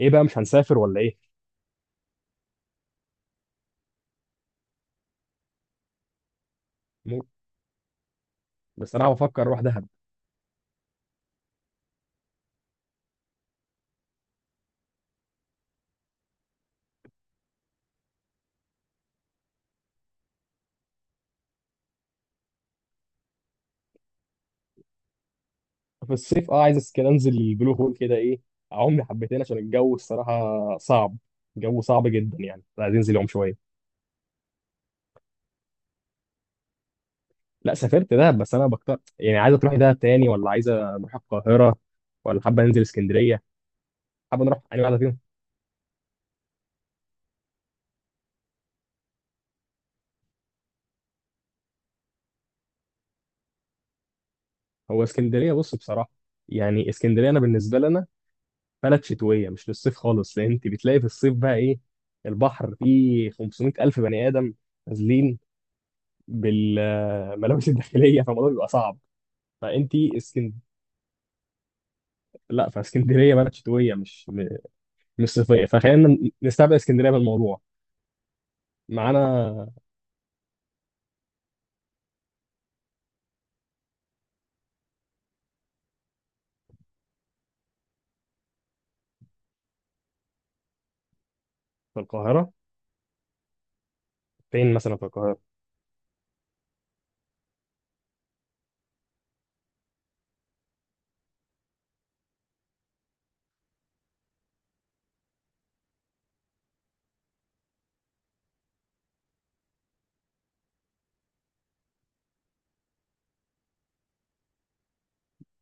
ايه بقى مش هنسافر ولا ايه؟ مو- بس انا بفكر اروح دهب. في الصيف اه عايز كده انزل البلو هول كده ايه. اعوم لي حبتين عشان الجو الصراحه صعب. الجو صعب جدا، يعني عايز انزل يوم شويه. لا سافرت دهب، بس انا بكتر يعني عايزه تروحي دهب تاني ولا عايزه نروح القاهره؟ ولا حابه ننزل اسكندريه؟ حابه نروح انهي واحده فيهم؟ هو اسكندريه بص بصراحه، يعني اسكندريه انا بالنسبه لنا بلد شتويه مش للصيف خالص، لان انت بتلاقي في الصيف بقى ايه؟ البحر فيه 500 الف بني ادم نازلين بالملابس الداخليه، فالموضوع بيبقى صعب. فانت اسكند لا، فاسكندريه بلد شتويه مش صيفيه، فخلينا نستبعد اسكندريه من الموضوع معانا. في القاهره. فين مثلا في القاهره؟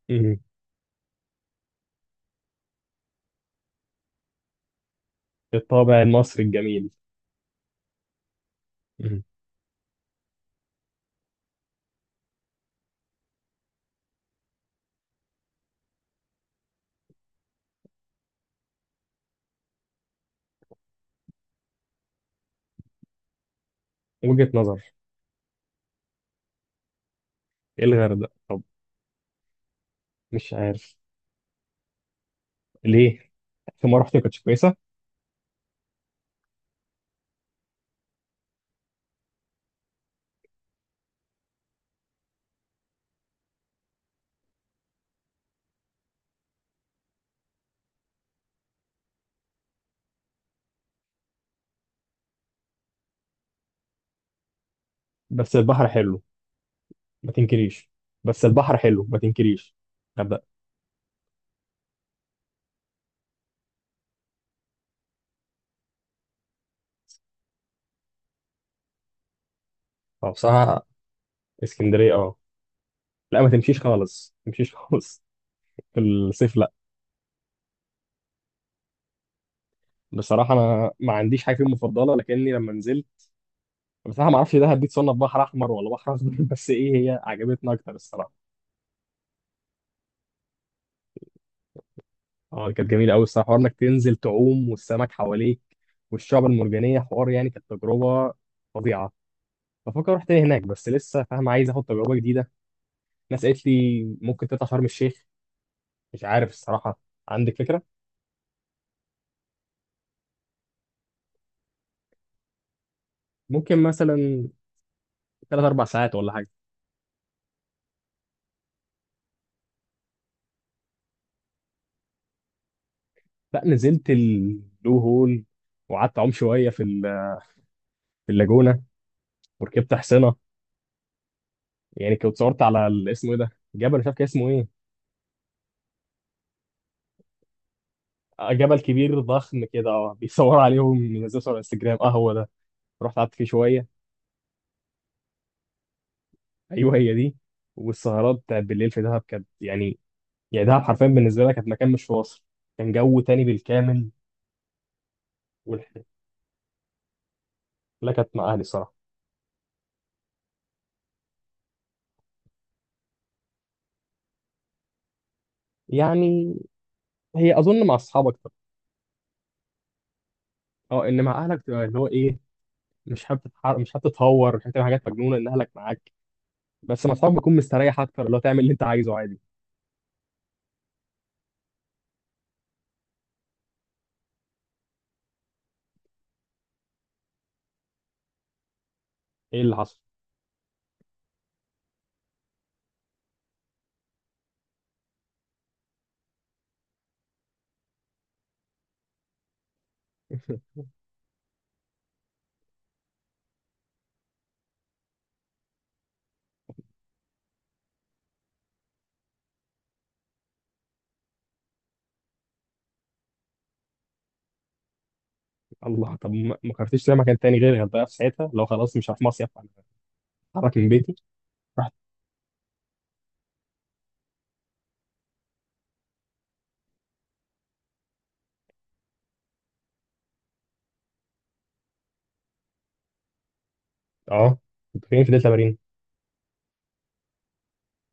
مم. الطابع المصري الجميل. مم. وجهه نظر. ايه الغردقه طب؟ مش عارف. ليه؟ في ما رحت ما كانتش كويسه؟ بس البحر حلو، ما تنكريش. بس البحر حلو ما تنكريش. غردقة. هو بصراحة اسكندرية اه. لا ما تمشيش خالص، ما تمشيش خالص. في الصيف لا. بصراحة أنا ما عنديش حاجة فيهم مفضلة، لكني لما نزلت بصراحة ما أعرفش ده هديت صنف بحر أحمر ولا بحر أخضر بس إيه هي عجبتنا أكتر الصراحة. اه كانت جميلة أوي الصراحة، حوار إنك تنزل تعوم والسمك حواليك والشعب المرجانية، حوار يعني كانت تجربة فظيعة. بفكر أروح تاني هناك، بس لسه فاهم عايز آخد تجربة جديدة. ناس قالت لي ممكن تطلع شرم الشيخ، مش عارف الصراحة. عندك فكرة؟ ممكن مثلا 3 4 ساعات ولا حاجه. لا نزلت البلو هول، وقعدت اعوم شويه في في اللاجونه، وركبت حصنه. يعني كنت صورت على اسمه ايه ده، جبل مش عارف كان اسمه ايه. جبل كبير ضخم كده، اه بيصور عليهم ينزلوا صور على انستجرام، اه هو ده. رحت قعدت فيه شويه. ايوه هي دي. والسهرات بتاعت بالليل في دهب كانت يعني، يعني دهب حرفيا بالنسبه لي كانت مكان مش في مصر، كان جو تاني بالكامل. والح- لا كانت مع اهلي الصراحه. يعني هي اظن مع اصحابك. اه ان مع اهلك تبقى اللي هو ايه، مش حابب تتهور، مش حابب تعمل حاجات مجنونه الاهلك معاك. بس مع اصحابك بتكون مستريح اكتر، اللي هو تعمل اللي انت عايزه عادي. ايه اللي حصل؟ الله، طب ما ما قررتش تروح مكان تاني غير الغردقه في ساعتها؟ لو خلاص مش هروح مصيف انا، اتحرك من بيتي، رحت. اه كنت فين في دلتا مارين؟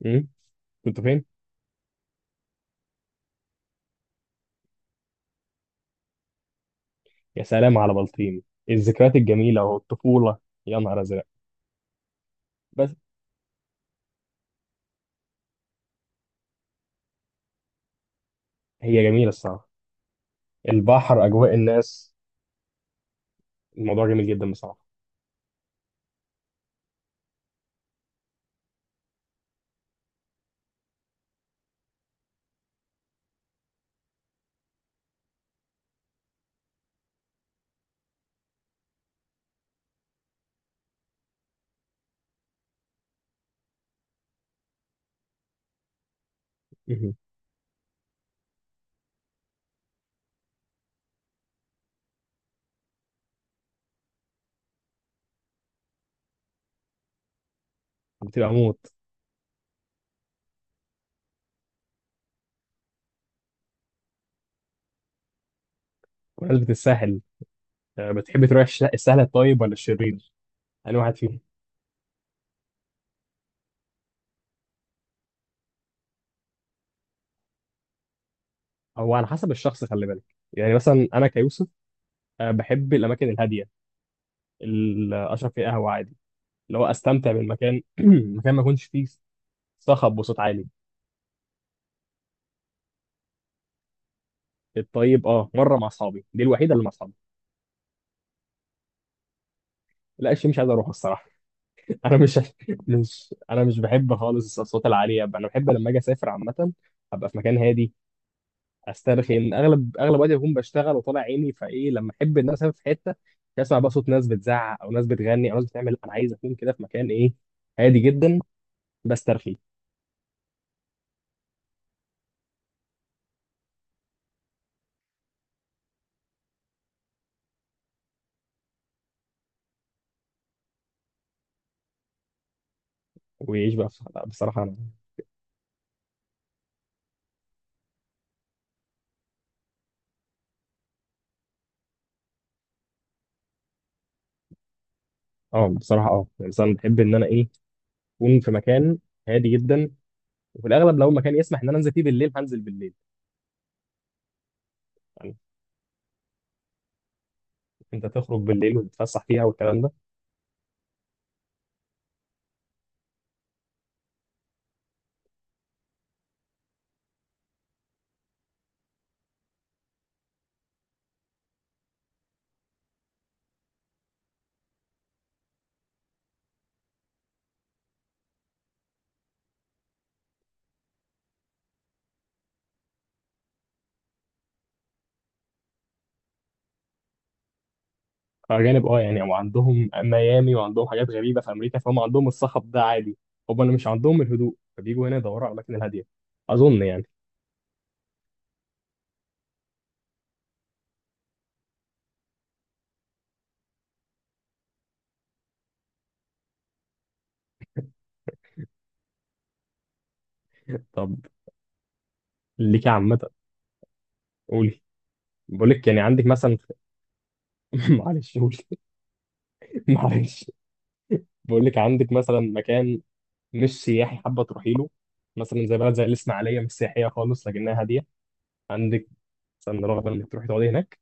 امم كنت فين؟ يا سلام على بلطيم، الذكريات الجميله والطفوله، يا نهار ازرق. بس هي جميله الصراحه، البحر، اجواء الناس، الموضوع جميل جدا بصراحه. مهم. بتبقى موت. بمناسبه الساحل، بتحب تروح السهل الطيب ولا الشرير؟ انا واحد فيهم. هو على حسب الشخص، خلي بالك. يعني مثلا انا كيوسف بحب الاماكن الهاديه، اللي اشرب فيها قهوه عادي، اللي هو استمتع بالمكان مكان ما يكونش فيه صخب وصوت عالي. الطيب اه مره مع اصحابي، دي الوحيده اللي مع اصحابي. لا، الشيء مش عايز اروح الصراحه. انا مش، مش انا مش بحب خالص الاصوات العاليه. انا بحب لما اجي اسافر عامه ابقى في مكان هادي، استرخي. اغلب وقتي بكون بشتغل وطالع عيني، فايه لما احب ان انا اسافر في حته مش اسمع بقى صوت ناس بتزعق او ناس بتغني او ناس بتعمل. انا عايز اكون كده في مكان ايه؟ هادي جدا، بسترخي. لا، بصراحه اه بصراحه، اه يعني مثلا بحب ان انا ايه، اكون في مكان هادي جدا. وفي الاغلب لو مكان يسمح ان انا انزل فيه بالليل هنزل بالليل. يعني انت تخرج بالليل وتتفسح فيها والكلام ده. الاجانب اه يعني، وعندهم ميامي وعندهم حاجات غريبه في امريكا، فهم عندهم الصخب ده عادي. هم اللي مش عندهم الهدوء فبيجوا هنا يدوروا على الاماكن الهاديه، اظن يعني. طب ليكي عامه. قولي. بقول لك يعني عندك مثلا. معلش قولي. معلش. بقول لك عندك مثلا مكان مش سياحي حابه تروحي له، مثلا زي بلد زي الاسماعيليه مش سياحيه خالص لكنها هاديه. عندك مثلا رغبه انك تروحي تقعدي هناك؟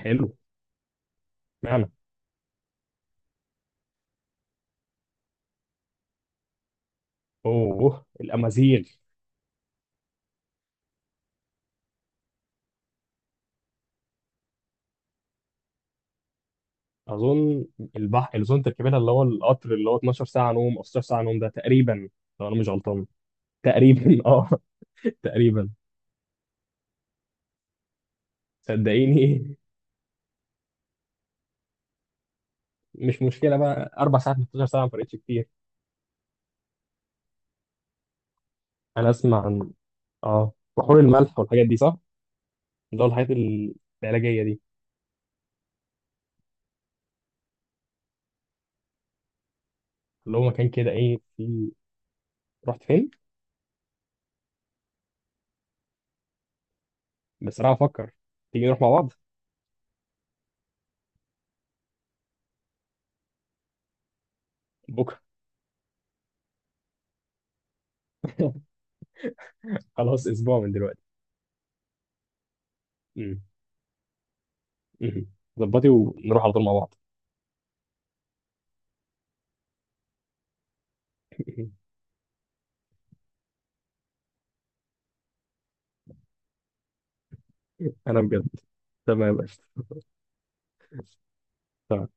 حلو. معنى. اوه الامازيغ. اظن البحر الاظن تركبينها اللي هو القطر اللي هو 12 ساعه نوم او 16 ساعه نوم ده تقريبا. لو انا مش غلطان. تقريبا اه، تقريبا. صدقيني. مش مشكله بقى 4 ساعات من 12 ساعه، ما فرقتش كتير. انا اسمع عن اه بحور الملح والحاجات دي، صح؟ اللي هو الحاجات العلاجيه دي، اللي هو مكان كده ايه في. رحت فين؟ بس انا هفكر. تيجي نروح مع بعض. بكره؟ خلاص، اسبوع من دلوقتي. مم. مم. ظبطي ونروح على طول مع بعض. انا بجد. تمام يا باشا. تمام